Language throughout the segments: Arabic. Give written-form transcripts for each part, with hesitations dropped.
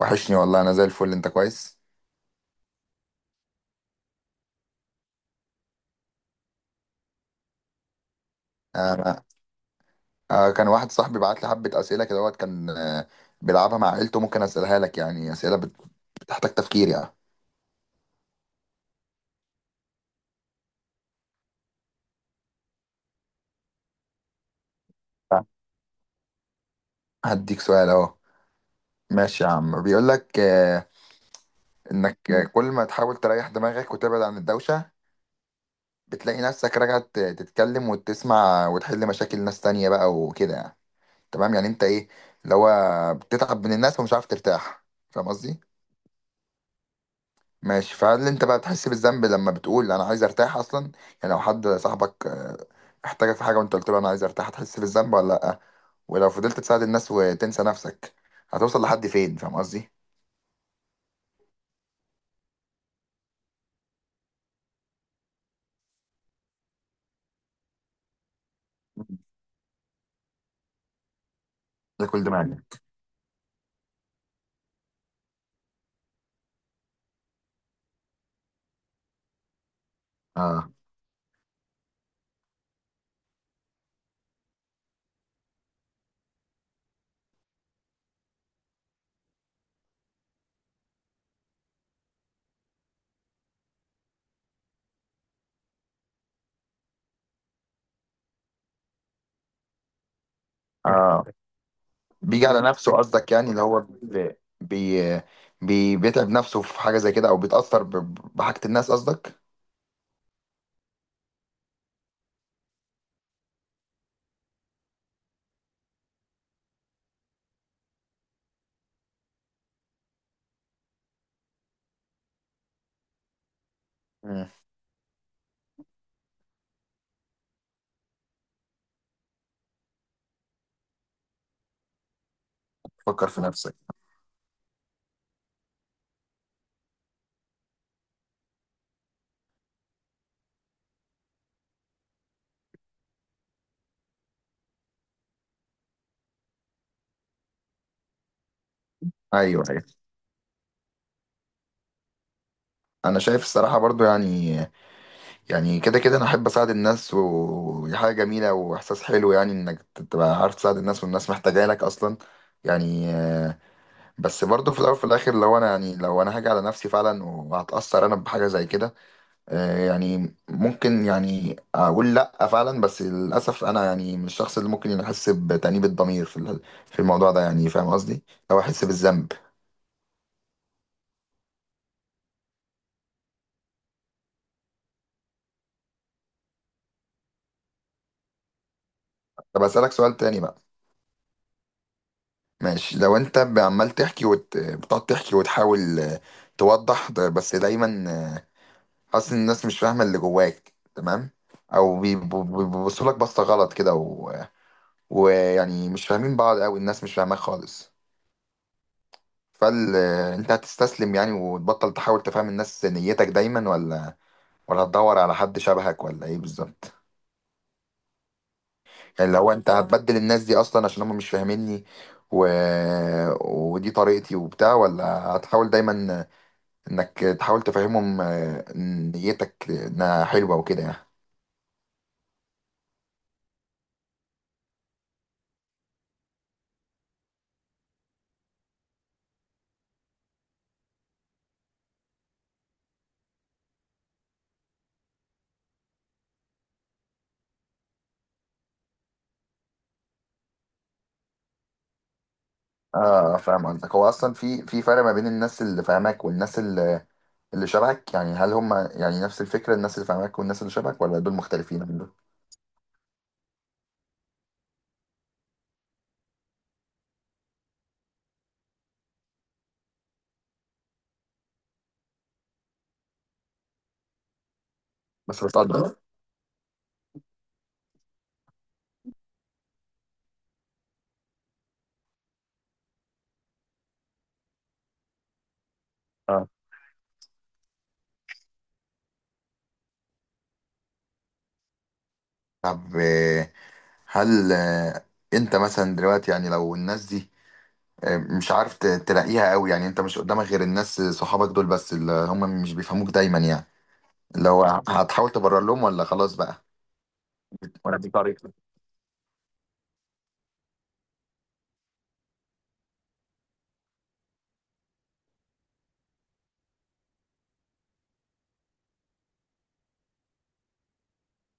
وحشني والله، انا زي الفل. انت كويس؟ آه، آه، كان واحد صاحبي بعت لي حبه اسئله كده وقت كان بيلعبها مع عيلته. ممكن اسالها لك، يعني اسئله بتحتاج تفكير يعني. هديك سؤال اهو. ماشي يا عم، بيقول لك انك كل ما تحاول تريح دماغك وتبعد عن الدوشه، بتلاقي نفسك راجع تتكلم وتسمع وتحل مشاكل ناس تانية بقى وكده يعني. تمام، يعني انت ايه اللي هو بتتعب من الناس ومش عارف ترتاح؟ فاهم قصدي؟ ماشي، فهل انت بقى بتحس بالذنب لما بتقول انا عايز ارتاح اصلا؟ يعني لو حد صاحبك احتاجك في حاجه وانت قلت له انا عايز ارتاح، هتحس بالذنب ولا لا؟ ولو فضلت تساعد الناس وتنسى نفسك، هتوصل لحد فين؟ فاهم قصدي؟ ده كل دماغي. اه. اه، بيجي على نفسه قصدك؟ يعني اللي هو بيتعب نفسه في حاجه زي كده او بيتاثر بحاجه الناس قصدك؟ مم. فكر في نفسك. ايوه، انا شايف الصراحه برضو يعني، يعني كده كده انا احب اساعد الناس ودي حاجه جميله واحساس حلو، يعني انك تبقى عارف تساعد الناس والناس محتاجه لك اصلا يعني. بس برضو في الاول وفي الاخر لو انا، يعني لو انا هاجي على نفسي فعلا وهتاثر انا بحاجه زي كده، يعني ممكن يعني اقول لا فعلا. بس للاسف انا يعني من الشخص اللي ممكن يحس بتأنيب الضمير في في الموضوع ده يعني. فاهم قصدي؟ او احس بالذنب. طب اسالك سؤال تاني بقى. ماشي، لو انت عمال تحكي بتقعد تحكي وتحاول توضح بس دايما آه، حاسس ان الناس مش فاهمه اللي جواك تمام، او بيبصوا بيبصوا لك بصه غلط كده و... ويعني مش فاهمين بعض، او الناس مش فاهماك خالص. فال انت هتستسلم يعني وتبطل تحاول تفهم الناس نيتك دايما، ولا هتدور على حد شبهك، ولا ايه بالظبط؟ يعني لو انت هتبدل الناس دي اصلا عشان هم مش فاهميني و... ودي طريقتي وبتاع، ولا هتحاول دايما انك تحاول تفهمهم إن نيتك انها حلوه وكده يعني. اه، فاهم قصدك. هو اصلا في فرق ما بين الناس اللي فاهماك والناس اللي شبهك؟ يعني هل هم يعني نفس الفكره الناس اللي فاهماك والنس اللي شبهك، ولا دول مختلفين عن دول؟ بس بتقدر. اه. طب هل انت مثلا دلوقتي يعني لو الناس دي مش عارف تلاقيها قوي، يعني انت مش قدامك غير الناس صحابك دول بس اللي هم مش بيفهموك دايما يعني، اللي هو هتحاول تبرر لهم ولا خلاص بقى؟ ولا دي طريقة.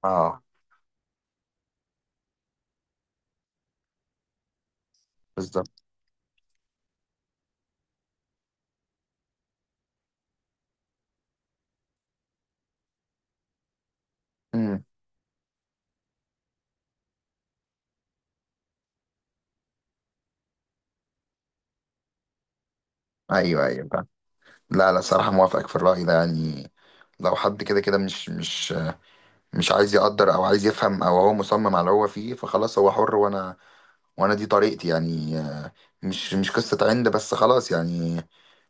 اه بالظبط. امم. ايوه ايوه فاهم. لا لا، صراحه موافقك في الراي ده يعني. لو حد كده كده مش مش عايز يقدر او عايز يفهم، او هو مصمم على اللي هو فيه، فخلاص هو حر وانا، وانا دي طريقتي يعني. مش قصه عند بس خلاص يعني.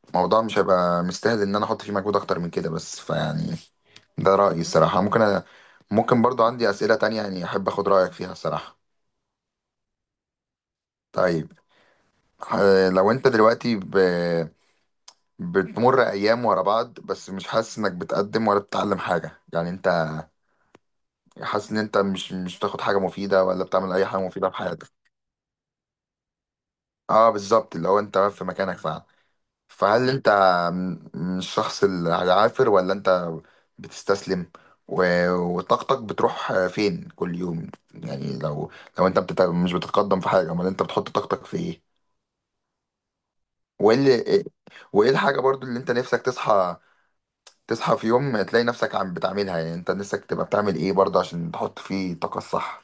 الموضوع مش هيبقى مستاهل ان انا احط فيه مجهود اكتر من كده. بس فيعني ده رايي الصراحه. ممكن ممكن برضو عندي اسئله تانية يعني احب اخد رايك فيها الصراحه. طيب لو انت دلوقتي بتمر ايام ورا بعض بس مش حاسس انك بتقدم ولا بتتعلم حاجه، يعني انت حاسس ان انت مش بتاخد حاجه مفيده ولا بتعمل اي حاجه مفيده في حياتك. اه بالظبط، اللي هو انت واقف في مكانك فعلا. فهل انت مش الشخص العافر، ولا انت بتستسلم، و- وطاقتك بتروح فين كل يوم؟ يعني لو لو انت مش بتتقدم في حاجه، امال انت بتحط طاقتك في ايه؟ وايه اللي... وايه الحاجه برضو اللي انت نفسك تصحى تصحى في يوم تلاقي نفسك عم بتعملها؟ يعني انت نفسك تبقى بتعمل ايه برضه عشان تحط فيه الطاقة الصح؟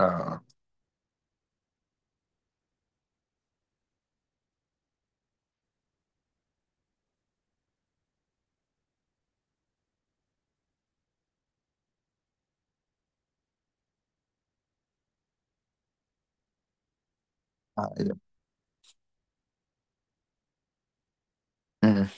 آه. آه. مم.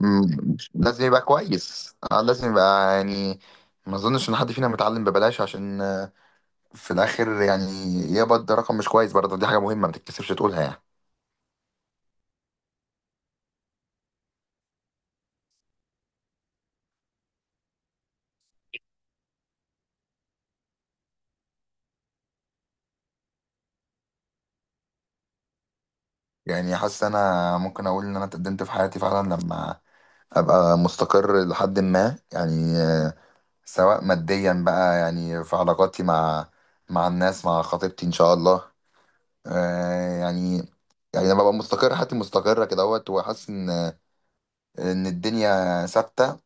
مم. لازم يبقى كويس. لازم يبقى يعني، ما اظنش ان حد فينا متعلم ببلاش عشان في الاخر يعني يقبض رقم مش كويس. برضه دي حاجة مهمة ما تكتسبش تقولها يعني. يعني حاسس انا ممكن اقول ان انا اتقدمت في حياتي فعلا لما ابقى مستقر لحد ما، يعني سواء ماديا بقى، يعني في علاقاتي مع مع الناس، مع خطيبتي ان شاء الله. آه يعني، يعني لما ببقى مستقر حياتي مستقرة كده اهوت، وحاسس ان ان الدنيا ثابتة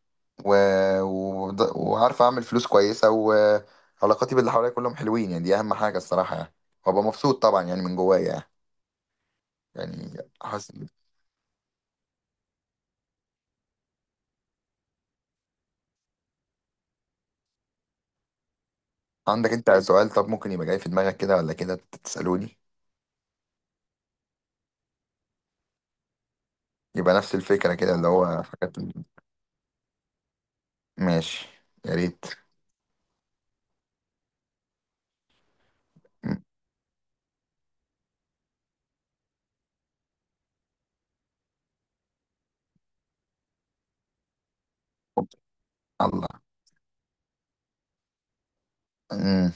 و... وعارف اعمل فلوس كويسة، وعلاقاتي باللي حواليا كلهم حلوين، يعني دي اهم حاجة الصراحة يعني. وابقى مبسوط طبعا يعني من جوايا. يعني يعني حاسس. عندك انت سؤال؟ طب ممكن يبقى جاي في دماغك كده ولا كده تسألوني. يبقى نفس الفكرة كده اللي هو حاجات. ماشي، يا ريت. م- الله. أمم.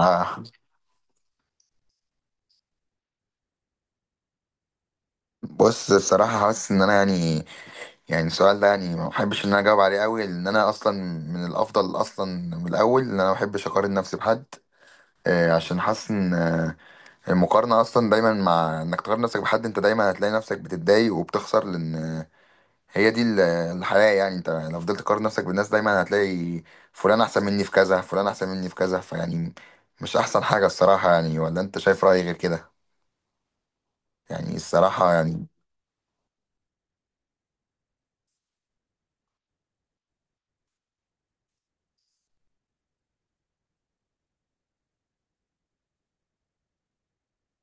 آه. بص، الصراحة حاسس ان انا يعني، يعني السؤال ده يعني ما بحبش ان انا اجاوب عليه قوي، لان انا اصلا من الافضل اصلا من الاول ان انا ما بحبش اقارن نفسي بحد. عشان حاسس ان المقارنه اصلا دايما، مع انك تقارن نفسك بحد، انت دايما هتلاقي نفسك بتتضايق وبتخسر. لان هي دي الحياه يعني. انت لو فضلت تقارن نفسك بالناس دايما هتلاقي فلان احسن مني في كذا، فلان احسن مني في كذا، فيعني مش احسن حاجه الصراحه يعني. ولا انت شايف رايي غير كده؟ يعني الصراحه يعني.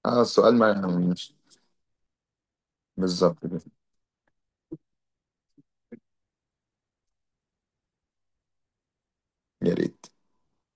اه، السؤال ما مش، بالظبط كده. يا ريت